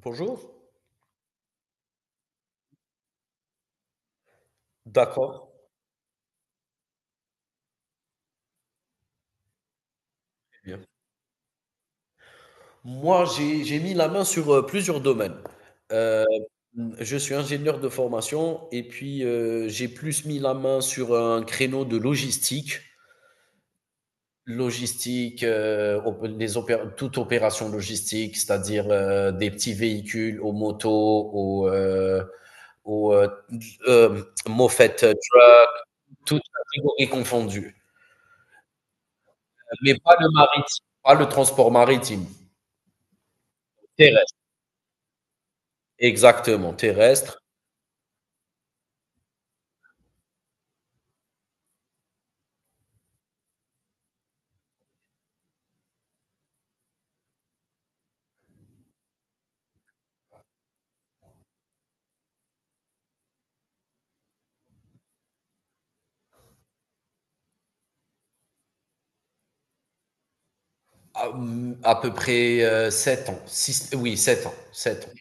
Bonjour. D'accord. Très bien. Moi, j'ai mis la main sur, plusieurs domaines. Heu, mmh, je suis ingénieur de formation et puis, j'ai plus mis la main sur un créneau de logistique. Logistique, op les opé toute opération logistique, c'est-à-dire, des petits véhicules aux motos, aux moffett truck, toutes catégories confondues, mais pas le maritime, pas le transport maritime. Terrestre, exactement, terrestre. À, à peu près 7 ans. Oui, 7 ans. Sept ans.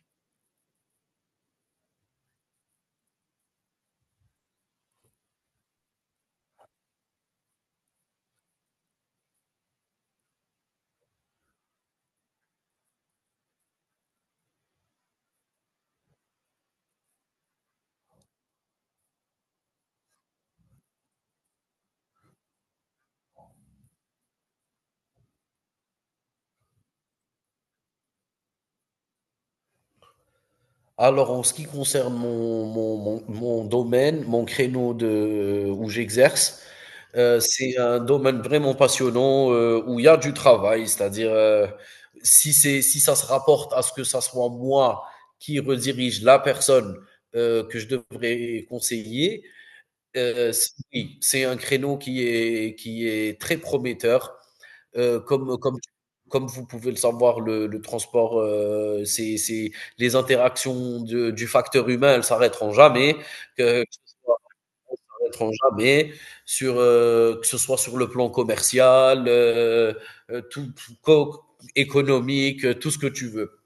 Alors, en ce qui concerne mon domaine, mon créneau de, où j'exerce, c'est un domaine vraiment passionnant, où il y a du travail. C'est-à-dire, si ça se rapporte à ce que ça soit moi qui redirige la personne que je devrais conseiller, oui, c'est un créneau qui est très prometteur. Euh, comme, comme, Comme vous pouvez le savoir, le transport, c'est les interactions du facteur humain, elles s'arrêteront jamais, que, que ce soit, elles s'arrêteront jamais sur, que ce soit sur le plan commercial, euh, tout, tout- co- économique, tout ce que tu veux.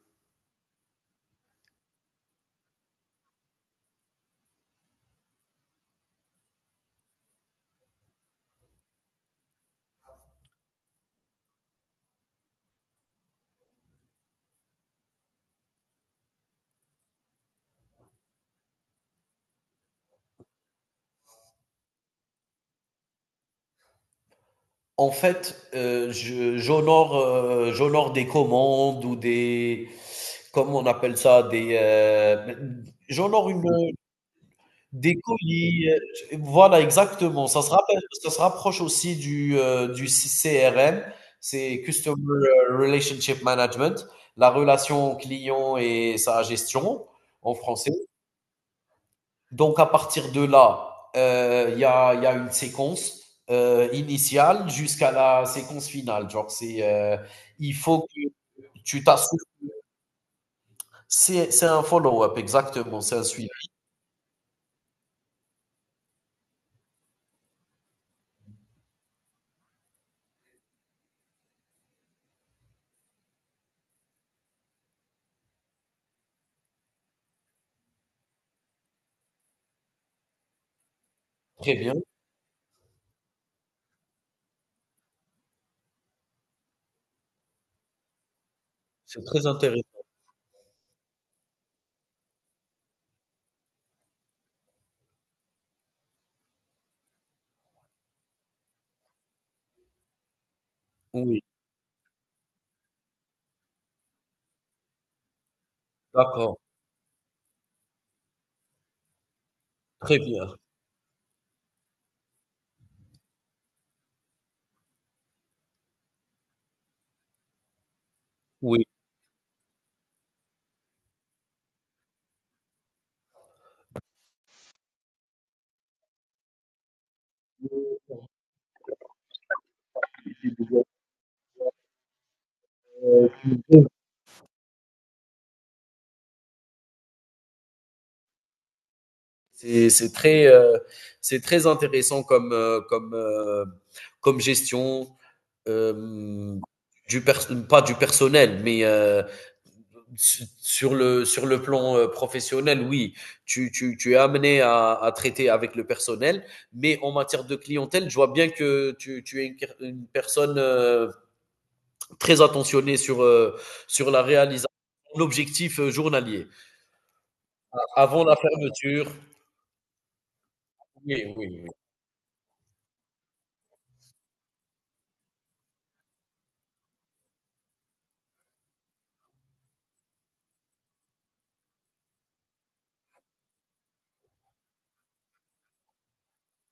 En fait, j'honore, j'honore des commandes ou comment on appelle ça, j'honore une, des colis, voilà, exactement, ça se rapproche aussi du C CRM, c'est Customer Relationship Management, la relation client et sa gestion en français. Donc à partir de là, il y a une séquence, initiale jusqu'à la séquence finale. Genre il faut que tu t'assures. C'est un follow-up, exactement, c'est un suivi. Très bien, c'est très intéressant. Oui, d'accord, très bien. Oui. C'est très, c'est très intéressant comme, comme gestion. euh, Pas du personnel, mais sur le plan, professionnel, oui, tu es amené à traiter avec le personnel, mais en matière de clientèle, je vois bien que tu es une personne, très attentionnée sur, sur la réalisation, l'objectif, journalier. Avant la fermeture, oui, oui, oui,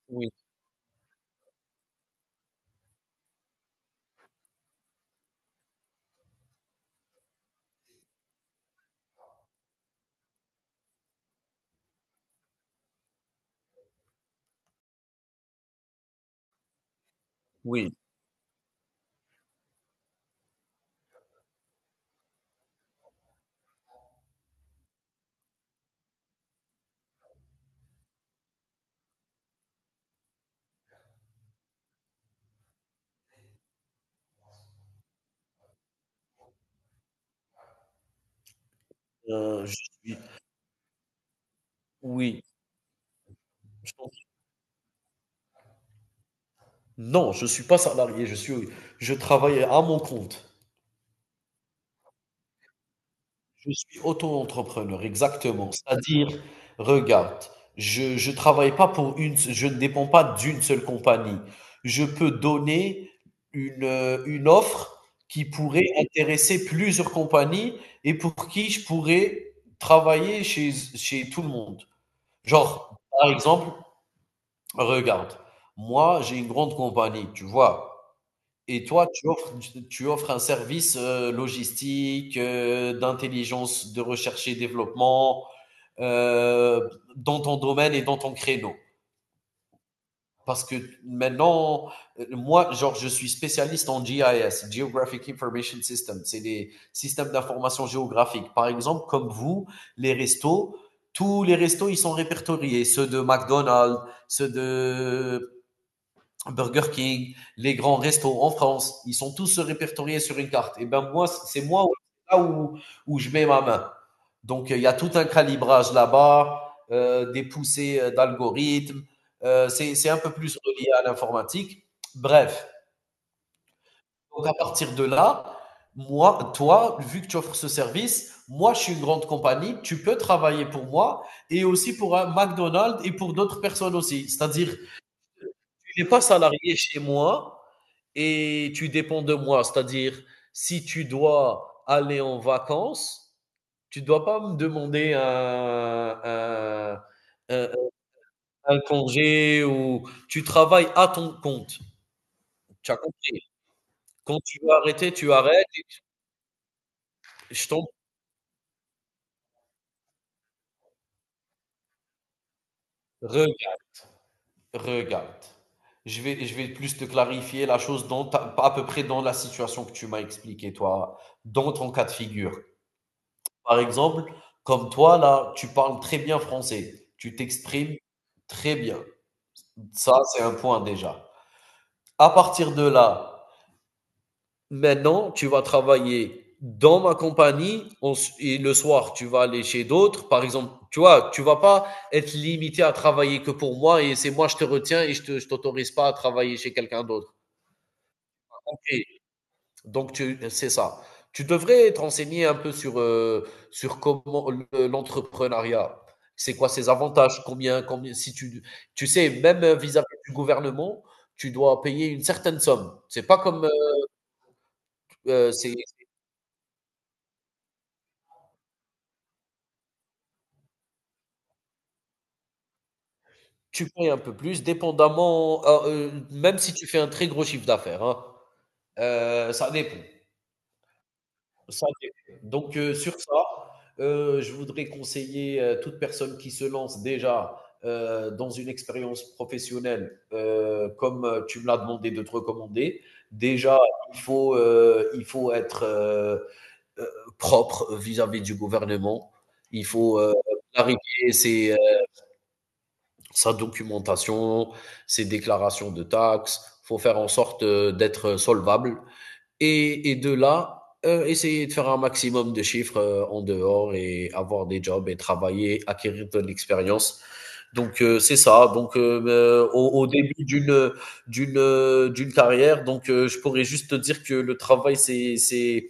oui. Oui. Je suis oui, je non, je suis pas salarié, je travaille à mon compte. Je suis auto-entrepreneur, exactement. C'est-à-dire, regarde, je travaille pas pour une je ne dépends pas d'une seule compagnie. Je peux donner une offre qui pourrait intéresser plusieurs compagnies et pour qui je pourrais travailler chez tout le monde. Genre, par exemple, regarde, moi, j'ai une grande compagnie, tu vois? Et toi, tu offres un service, logistique, d'intelligence, de recherche et développement, euh, dans ton domaine et dans ton créneau. Parce que maintenant, moi, genre, je suis spécialiste en GIS, Geographic Information System. C'est des systèmes d'information géographique. Par exemple, comme vous, les restos, tous les restos, ils sont répertoriés. Ceux de McDonald's, ceux de Burger King, les grands restos en France, ils sont tous répertoriés sur une carte. Et ben moi, c'est moi là où je mets ma main. Donc il y a tout un calibrage là-bas, des poussées, d'algorithmes. C'est un peu plus relié à l'informatique. Bref, donc à partir de là, moi, toi, vu que tu offres ce service, moi, je suis une grande compagnie, tu peux travailler pour moi et aussi pour un McDonald's et pour d'autres personnes aussi. C'est-à-dire, tu n'es pas salarié chez moi, et tu dépends de moi. C'est-à-dire, si tu dois aller en vacances, tu ne dois pas me demander un- un congé, ou tu travailles à ton compte. Tu as compris. Quand tu veux arrêter, tu arrêtes. Je t'en regarde. Regarde. Je vais plus te clarifier la chose dans à peu près dans la situation que tu m'as expliqué, toi, dans ton cas de figure. Par exemple, comme toi là, tu parles très bien français, tu t'exprimes très bien. Ça, c'est un point déjà. À partir de là, maintenant, tu vas travailler dans ma compagnie et le soir, tu vas aller chez d'autres. Par exemple, tu vois, tu vas pas être limité à travailler que pour moi et c'est moi, je te retiens et je t'autorise pas à travailler chez quelqu'un d'autre. OK. Donc, c'est ça. Tu devrais te renseigner un peu sur, sur comment l'entrepreneuriat, c'est quoi ses avantages, combien, si tu, tu sais, même vis-à-vis du gouvernement, tu dois payer une certaine somme. C'est pas comme, euh, c'est, tu payes un peu plus, dépendamment, même si tu fais un très gros chiffre d'affaires, hein. Ça dépend. Ça dépend. Donc, sur ça, je voudrais conseiller, toute personne qui se lance déjà, dans une expérience professionnelle, tu me l'as demandé de te recommander. Déjà, il faut être, heu, propre vis-à-vis du gouvernement. Il faut, clarifier sa documentation, ses déclarations de taxes. Il faut faire en sorte, d'être solvable et de là, essayer de faire un maximum de chiffres, en dehors, et avoir des jobs et travailler, acquérir de l'expérience. Donc c'est ça. Donc au début d'une d'une carrière, donc je pourrais juste te dire que le travail c'est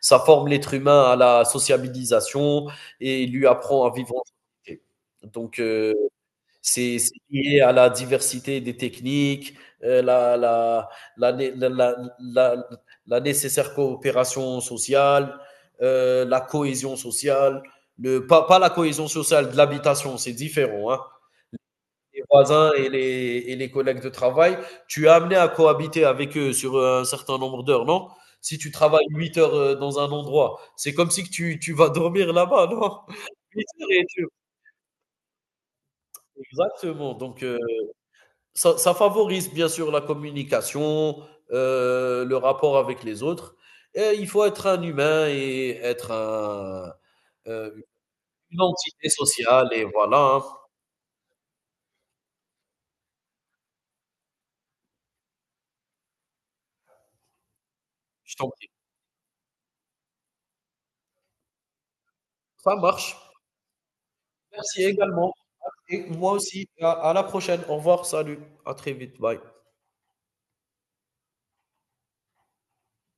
ça forme l'être humain à la sociabilisation et lui apprend à vivre en société. Donc c'est lié à la diversité des techniques, la, la, la, né- la- la nécessaire coopération sociale, la cohésion sociale, le, pas, pas la cohésion sociale de l'habitation, c'est différent. Hein. Les voisins et les collègues de travail, tu as amené à cohabiter avec eux sur, un certain nombre d'heures, non? Si tu travailles 8 heures, dans un endroit, c'est comme si que tu vas dormir là-bas, non? 8 heures et tu... Exactement. Donc, ça, ça favorise bien sûr la communication, le rapport avec les autres. Et il faut être un humain et être un, euh, une entité sociale. Et voilà, hein. Je t'en prie. Ça marche. Merci également. Et moi aussi. À- à la prochaine. Au revoir. Salut. À très vite. Bye.